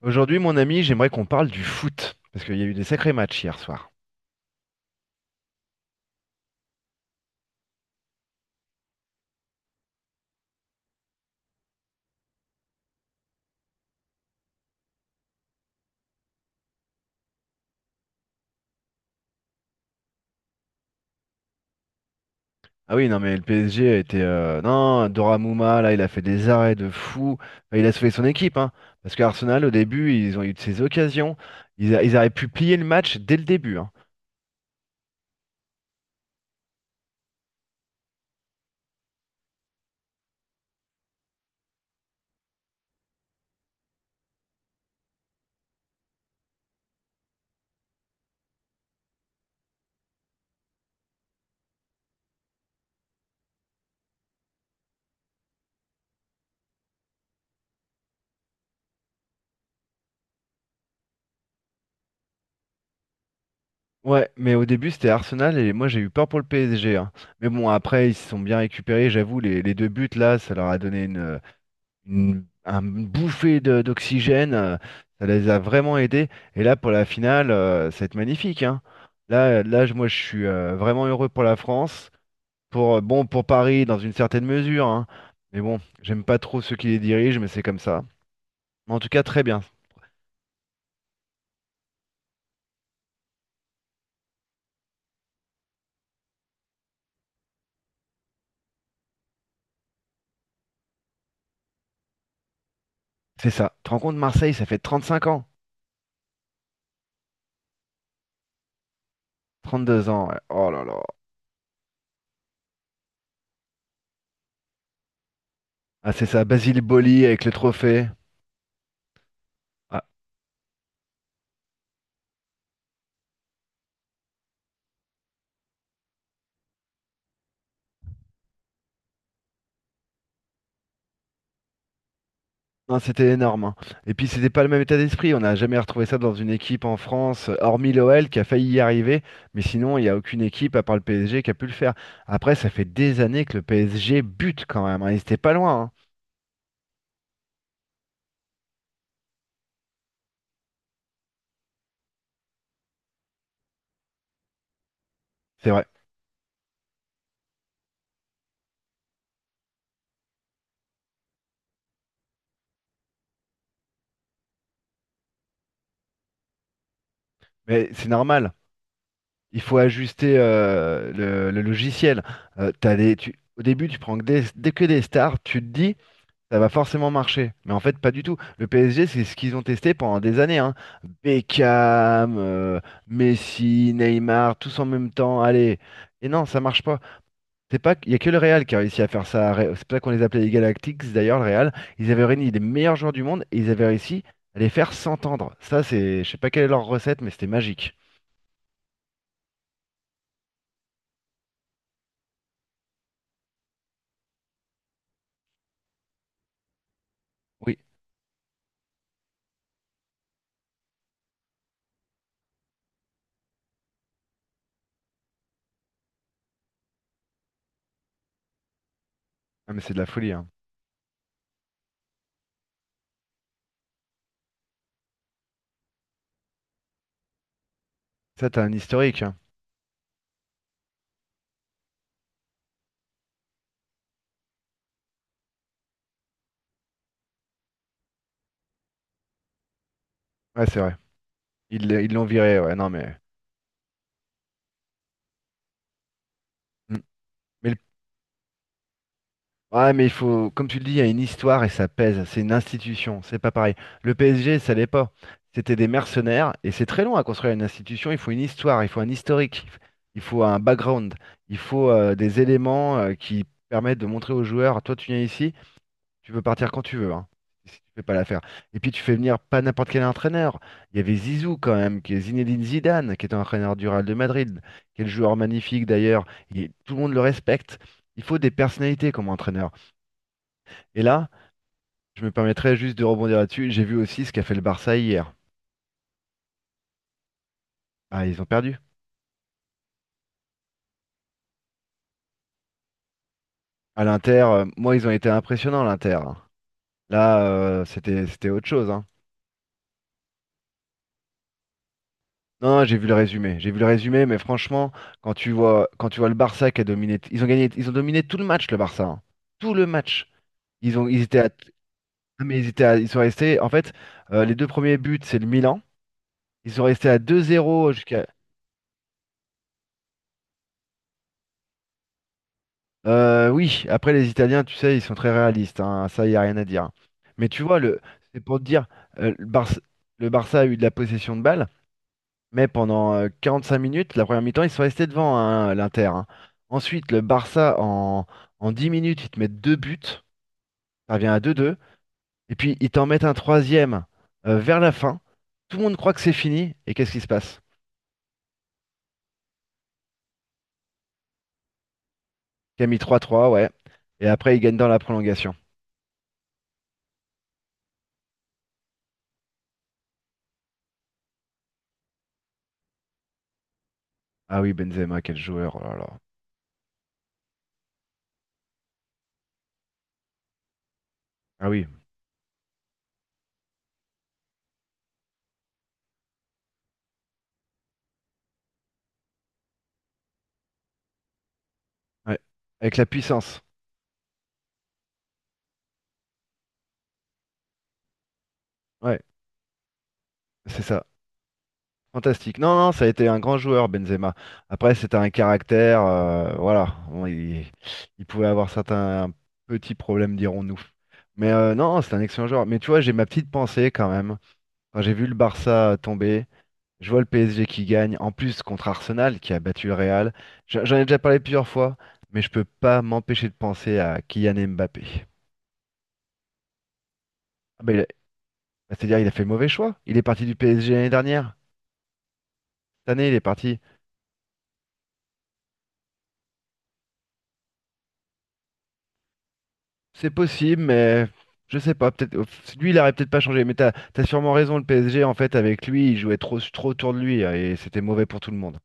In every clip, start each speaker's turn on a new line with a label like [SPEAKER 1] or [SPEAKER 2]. [SPEAKER 1] Aujourd'hui, mon ami, j'aimerais qu'on parle du foot, parce qu'il y a eu des sacrés matchs hier soir. Ah oui, non, mais le PSG a été... Non, Doramouma, là, il a fait des arrêts de fou. Enfin, il a sauvé son équipe, hein, parce qu'Arsenal, au début, ils ont eu de ces occasions. Ils auraient pu plier le match dès le début, hein. Ouais, mais au début, c'était Arsenal, et moi, j'ai eu peur pour le PSG, hein. Mais bon, après, ils se sont bien récupérés, j'avoue, les deux buts, là, ça leur a donné une bouffée d'oxygène, ça les a vraiment aidés. Et là, pour la finale, ça va être magnifique, hein. Moi, je suis vraiment heureux pour la France, pour, bon, pour Paris, dans une certaine mesure, hein. Mais bon, j'aime pas trop ceux qui les dirigent, mais c'est comme ça. Mais en tout cas, très bien. C'est ça. Tu te rends compte, Marseille, ça fait 35 ans, 32 ans, ouais. Oh là là. Ah, c'est ça, Basile Boli avec le trophée. Ah, non, c'était énorme, hein. Et puis, c'était pas le même état d'esprit. On n'a jamais retrouvé ça dans une équipe en France, hormis l'OL qui a failli y arriver. Mais sinon, il n'y a aucune équipe, à part le PSG, qui a pu le faire. Après, ça fait des années que le PSG bute quand même, hein. Ils étaient pas loin, hein. C'est vrai. Mais c'est normal. Il faut ajuster le logiciel. Au début, tu prends que des, dès que des stars. Tu te dis. Ça va forcément marcher. Mais en fait, pas du tout. Le PSG, c'est ce qu'ils ont testé pendant des années, hein. Beckham, Messi, Neymar, tous en même temps. Allez. Et non, ça marche pas. C'est pas, il y a que le Real qui a réussi à faire ça. C'est pour ça qu'on les appelait les Galactics. D'ailleurs, le Real, ils avaient réuni les meilleurs joueurs du monde et ils avaient réussi à les faire s'entendre. Ça, c'est, je sais pas quelle est leur recette, mais c'était magique. Oui. Ah, mais c'est de la folie, hein. Ça, t'as un historique, hein. Ouais, c'est vrai. Ils l'ont viré. Ouais, non, mais. Mm. Mais le ouais, mais il faut, comme tu le dis, il y a une histoire et ça pèse. C'est une institution, c'est pas pareil. Le PSG, ça l'est pas. C'était des mercenaires et c'est très long à construire une institution. Il faut une histoire, il faut un historique, il faut un background, il faut des éléments qui permettent de montrer aux joueurs, toi tu viens ici, tu peux partir quand tu veux, hein, si tu fais pas l'affaire. Et puis tu fais venir pas n'importe quel entraîneur. Il y avait Zizou quand même, qui est Zinedine Zidane, qui est un entraîneur du Real de Madrid, quel joueur magnifique d'ailleurs. Et tout le monde le respecte. Il faut des personnalités comme entraîneur. Et là, je me permettrais juste de rebondir là-dessus. J'ai vu aussi ce qu'a fait le Barça hier. Ah, ils ont perdu. À l'Inter, moi, ils ont été impressionnants, l'Inter, hein. Là, c'était autre chose, hein. Non, non, j'ai vu le résumé. J'ai vu le résumé, mais franchement, quand tu vois le Barça qui a dominé, ils ont gagné, ils ont dominé tout le match, le Barça, hein. Tout le match. Ils étaient à, ah, mais ils sont restés. En fait, les deux premiers buts, c'est le Milan. Ils sont restés à deux zéro jusqu'à euh, oui, après les Italiens, tu sais, ils sont très réalistes, hein, ça, il n'y a rien à dire. Mais tu vois, c'est pour te dire, euh, le Barça, le Barça a eu de la possession de balle, mais pendant 5 minutes, la première mi-temps, ils sont restés devant hein, l'Inter, hein. Ensuite, le Barça, en 10 minutes, ils te mettent deux buts, ça revient à deux deux, et puis ils t'en mettent un troisième vers la fin. Tout le monde croit que c'est fini, et qu'est-ce qui se passe? Camille trois trois, ouais. Et après, ils gagnent dans la prolongation. Ah oui, Benzema, quel joueur, oh là là. Ah oui. Ouais. Avec la puissance. Ouais, c'est ça. Fantastique. Non, non, ça a été un grand joueur, Benzema. Après, c'était un caractère, voilà. Il pouvait avoir certains petits problèmes, dirons-nous. Mais non, c'est un excellent joueur. Mais tu vois, j'ai ma petite pensée quand même. Quand j'ai vu le Barça tomber, je vois le PSG qui gagne, en plus contre Arsenal, qui a battu le Real. J'en ai déjà parlé plusieurs fois, mais je peux pas m'empêcher de penser à Kylian Mbappé. Ah, bah, c'est-à-dire, il a fait le mauvais choix. Il est parti du PSG l'année dernière. Cette année, il est parti. C'est possible, mais je sais pas. Peut-être oh, lui, il aurait peut-être pas changé. Mais t'as sûrement raison. Le PSG, en fait, avec lui, il jouait trop autour de lui hein, et c'était mauvais pour tout le monde.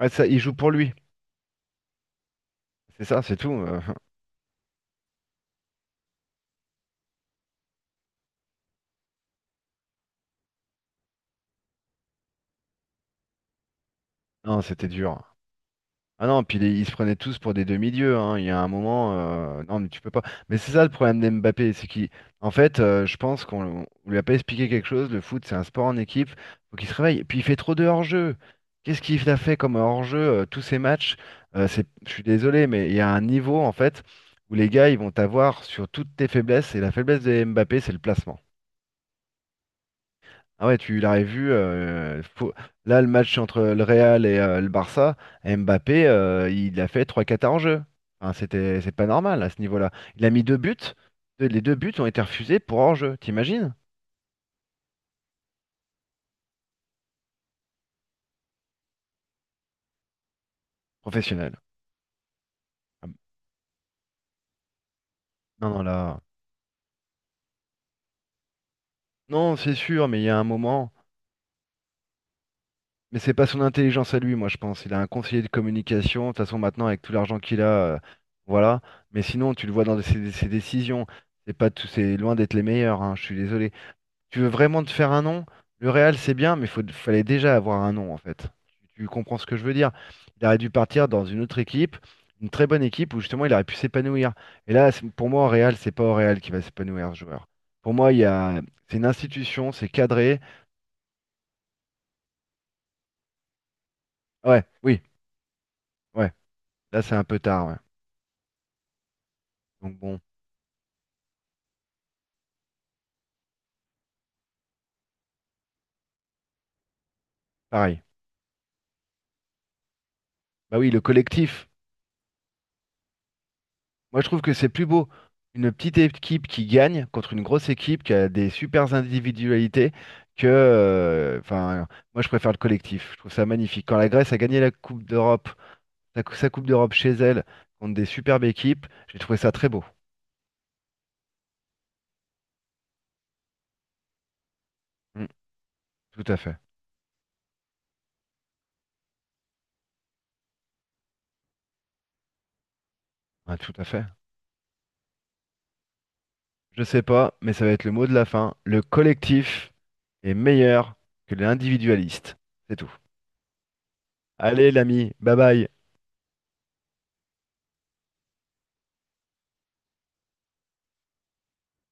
[SPEAKER 1] Ouais, ça, il joue pour lui. C'est ça, c'est tout. Non, c'était dur. Ah non, puis ils se prenaient tous pour des demi-dieux, hein. Il y a un moment, non mais tu peux pas. Mais c'est ça le problème d'Mbappé, c'est qu'il, en fait, je pense qu'on on lui a pas expliqué quelque chose. Le foot, c'est un sport en équipe, faut qu'il se réveille. Et puis il fait trop de hors-jeu. Qu'est-ce qu'il a fait comme hors-jeu tous ces matchs? Je suis désolé, mais il y a un niveau en fait où les gars, ils vont t'avoir sur toutes tes faiblesses. Et la faiblesse de Mbappé, c'est le placement. Ah ouais, tu l'aurais vu. Là, le match entre le Real et le Barça, Mbappé, il a fait trois 4 en jeu. Enfin, c'est pas normal à ce niveau-là. Il a mis deux buts. Les deux buts ont été refusés pour hors-jeu. T'imagines? Professionnel. Ah, b- Non, non, là. Non, c'est sûr, mais il y a un moment. Mais c'est pas son intelligence à lui, moi, je pense. Il a un conseiller de communication. De toute façon, maintenant, avec tout l'argent qu'il a, voilà. Mais sinon, tu le vois dans ses décisions. C'est pas tout, c'est loin d'être les meilleurs, hein, je suis désolé. Tu veux vraiment te faire un nom, le Real c'est bien, mais fallait déjà avoir un nom en fait. Tu comprends ce que je veux dire? Il aurait dû partir dans une autre équipe, une très bonne équipe où justement il aurait pu s'épanouir. Et là, pour moi, au Real, c'est pas au Real qui va s'épanouir ce joueur. Pour moi, c'est une institution, c'est cadré. Ouais, oui, ouais. Là, c'est un peu tard, ouais. Donc bon, pareil. Bah oui, le collectif. Moi, je trouve que c'est plus beau une petite équipe qui gagne contre une grosse équipe qui a des supers individualités que, moi, je préfère le collectif. Je trouve ça magnifique. Quand la Grèce a gagné la Coupe d'Europe, sa Coupe d'Europe chez elle contre des superbes équipes, j'ai trouvé ça très beau. Mm, tout à fait. Ouais, tout à fait. Je sais pas, mais ça va être le mot de la fin. Le collectif est meilleur que l'individualiste. C'est tout. Allez, l'ami, bye bye.